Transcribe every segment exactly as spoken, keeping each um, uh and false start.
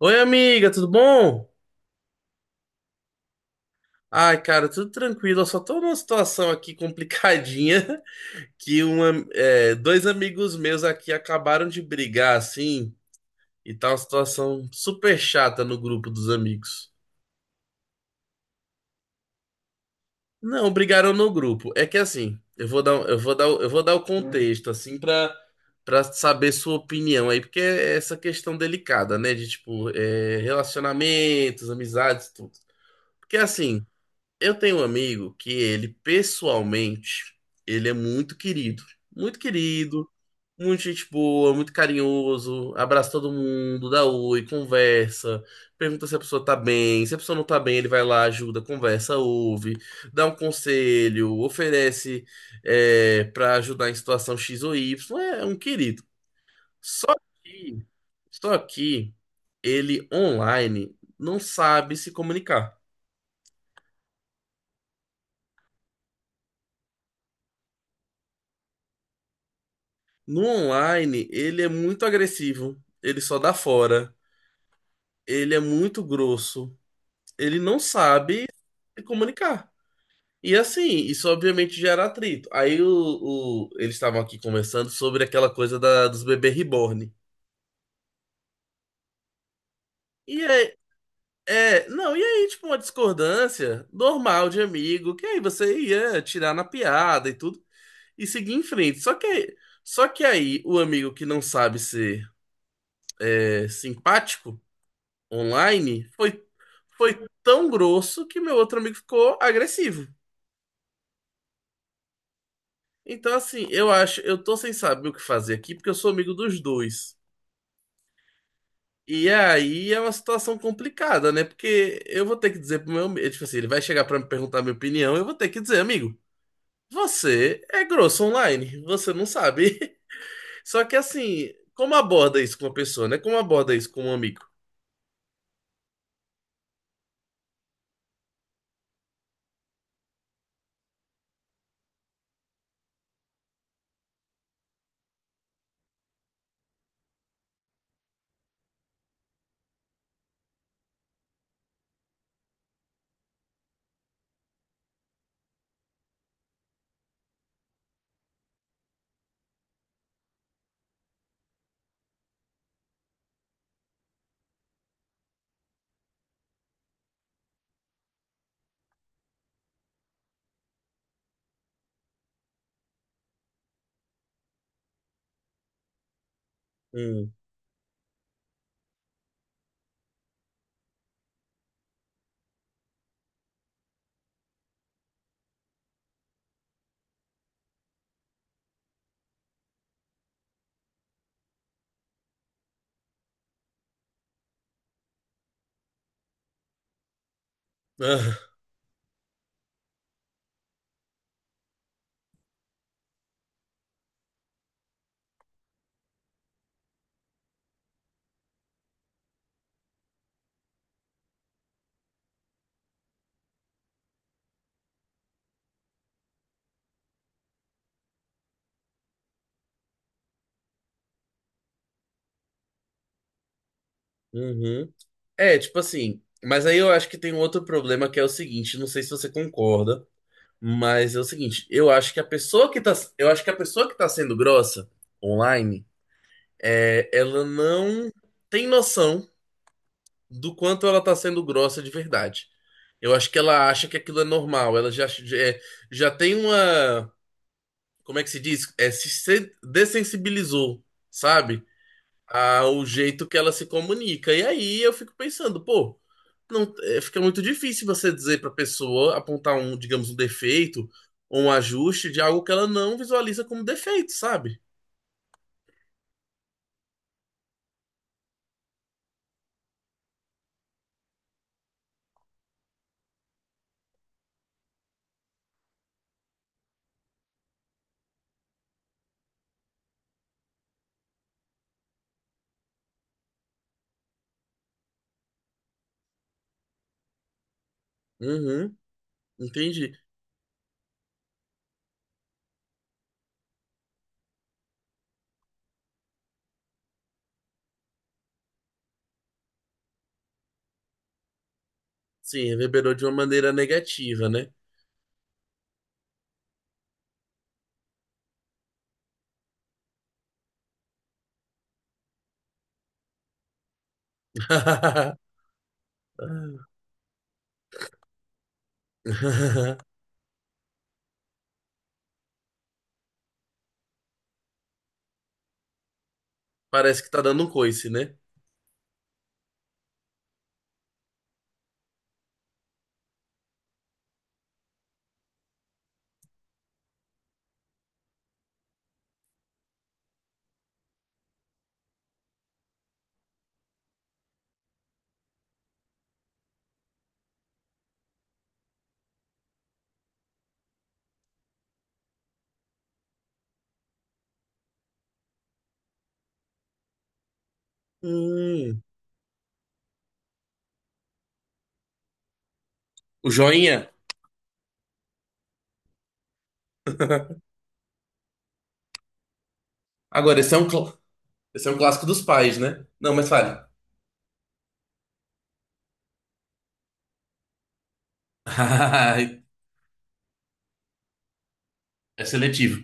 Oi, amiga, tudo bom? Ai, cara, tudo tranquilo. Eu só tô numa situação aqui complicadinha que uma, é, dois amigos meus aqui acabaram de brigar, assim, e tá uma situação super chata no grupo dos amigos. Não, brigaram no grupo. É que assim, eu vou dar, eu vou dar, eu vou dar o contexto, assim, pra, pra saber sua opinião aí, porque é essa questão delicada, né? De tipo, é, relacionamentos, amizades, tudo. Porque assim. Eu tenho um amigo que ele, pessoalmente, ele é muito querido. Muito querido, muito gente boa, muito carinhoso, abraça todo mundo, dá oi, conversa, pergunta se a pessoa tá bem. Se a pessoa não tá bem, ele vai lá, ajuda, conversa, ouve, dá um conselho, oferece é, para ajudar em situação X ou Y. É um querido. Só que, só que ele online não sabe se comunicar. No online, ele é muito agressivo, ele só dá fora, ele é muito grosso, ele não sabe se comunicar. E assim, isso obviamente gera atrito. Aí o, o- eles estavam aqui conversando sobre aquela coisa da, dos bebês reborn. E é, é, não, e aí, tipo, uma discordância normal de amigo, que aí você ia tirar na piada e tudo, e seguir em frente. Só que, só que aí o amigo que não sabe ser é, simpático online foi, foi tão grosso que meu outro amigo ficou agressivo. Então, assim, eu acho, eu tô sem saber o que fazer aqui, porque eu sou amigo dos dois. E aí é uma situação complicada, né? Porque eu vou ter que dizer pro meu amigo, tipo assim, ele vai chegar pra me perguntar a minha opinião, eu vou ter que dizer, amigo, você é grosso online, você não sabe. Só que assim, como aborda isso com uma pessoa, né? Como aborda isso com um amigo? Hum. Ah, uhum. É, tipo assim, mas aí eu acho que tem um outro problema que é o seguinte, não sei se você concorda, mas é o seguinte, eu acho que a pessoa que tá, eu acho que a pessoa que tá sendo grossa online, é, ela não tem noção do quanto ela tá sendo grossa de verdade. Eu acho que ela acha que aquilo é normal, ela já, já, é, já tem uma, como é que se diz? É, se se dessensibilizou, sabe? A- o jeito que ela se comunica. E aí eu fico pensando, pô, não, é, fica muito difícil você dizer para pessoa apontar um, digamos, um defeito ou um ajuste de algo que ela não visualiza como defeito, sabe? Uhum, entendi. Sim, reverberou de uma maneira negativa, né? Parece que tá dando um coice, né? Hum, o joinha. Agora, esse é um, cl- esse é um clássico dos pais, né? Não, mas fale. É seletivo.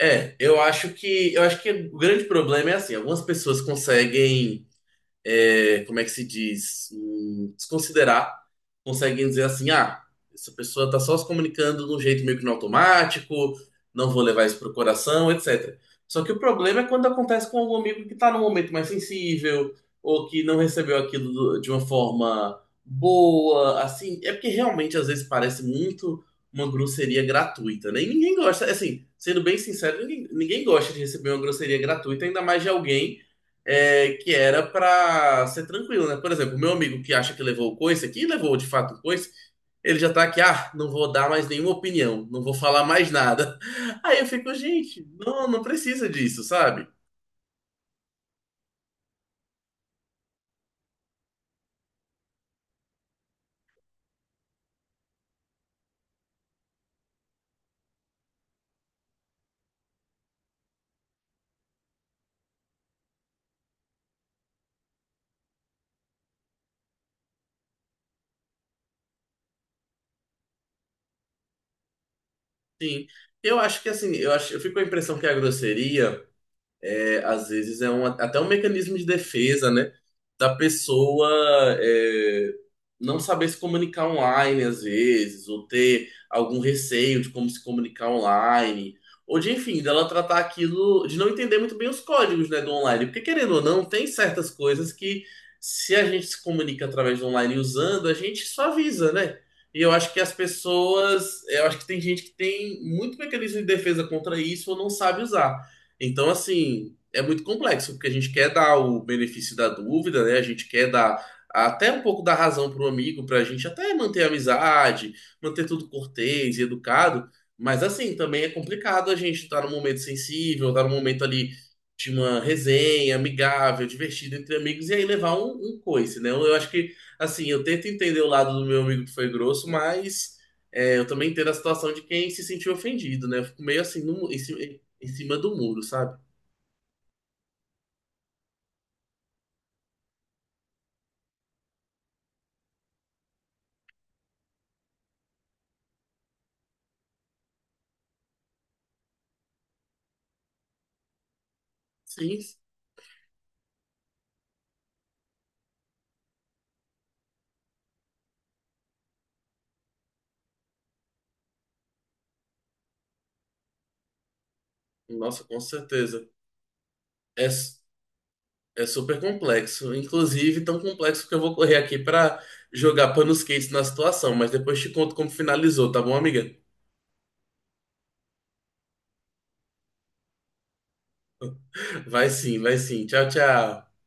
É, eu acho que eu acho que o grande problema é assim, algumas pessoas conseguem é, como é que se diz, hum, desconsiderar, conseguem dizer assim, ah, essa pessoa está só se comunicando de um jeito meio que no automático, não vou levar isso pro coração, et cetera. Só que o problema é quando acontece com algum amigo que está num momento mais sensível, ou que não recebeu aquilo do- de uma forma boa, assim, é porque realmente às vezes parece muito uma grosseria gratuita, né? E ninguém gosta, assim, sendo bem sincero, ninguém, ninguém gosta de receber uma grosseria gratuita, ainda mais de alguém é, que era pra ser tranquilo, né? Por exemplo, meu amigo que acha que levou o coice aqui, levou de fato o coice, ele já tá aqui, ah, não vou dar mais nenhuma opinião, não vou falar mais nada. Aí eu fico, gente, não, não precisa disso, sabe? Sim. Eu acho que assim, eu acho, eu fico com a impressão que é a grosseria. é, às vezes é um, até um mecanismo de defesa, né? Da pessoa é, não saber se comunicar online, às vezes, ou ter algum receio de como se comunicar online, ou de, enfim, dela tratar aquilo, de não entender muito bem os códigos, né, do online. Porque, querendo ou não, tem certas coisas que, se a gente se comunica através do online usando, a gente suaviza, né? E eu acho que as pessoas, eu acho que tem gente que tem muito mecanismo de defesa contra isso ou não sabe usar. Então, assim, é muito complexo, porque a gente quer dar o benefício da dúvida, né? A gente quer dar até um pouco da razão para o amigo, para a gente até manter a amizade, manter tudo cortês e educado. Mas assim, também é complicado a gente estar num momento sensível, estar num momento ali de uma resenha amigável, divertida entre amigos, e aí levar um, um coice, né? Eu, eu acho que, assim, eu tento entender o lado do meu amigo que foi grosso, mas é, eu também entendo a situação de quem se sentiu ofendido, né? Eu fico meio assim, no, mu- em cima, em cima do muro, sabe? Sim, nossa, com certeza. É, s- É super complexo. Inclusive, tão complexo que eu vou correr aqui pra jogar panos quentes na situação. Mas depois te conto como finalizou, tá bom, amiga? Vai sim, vai sim. Tchau, tchau.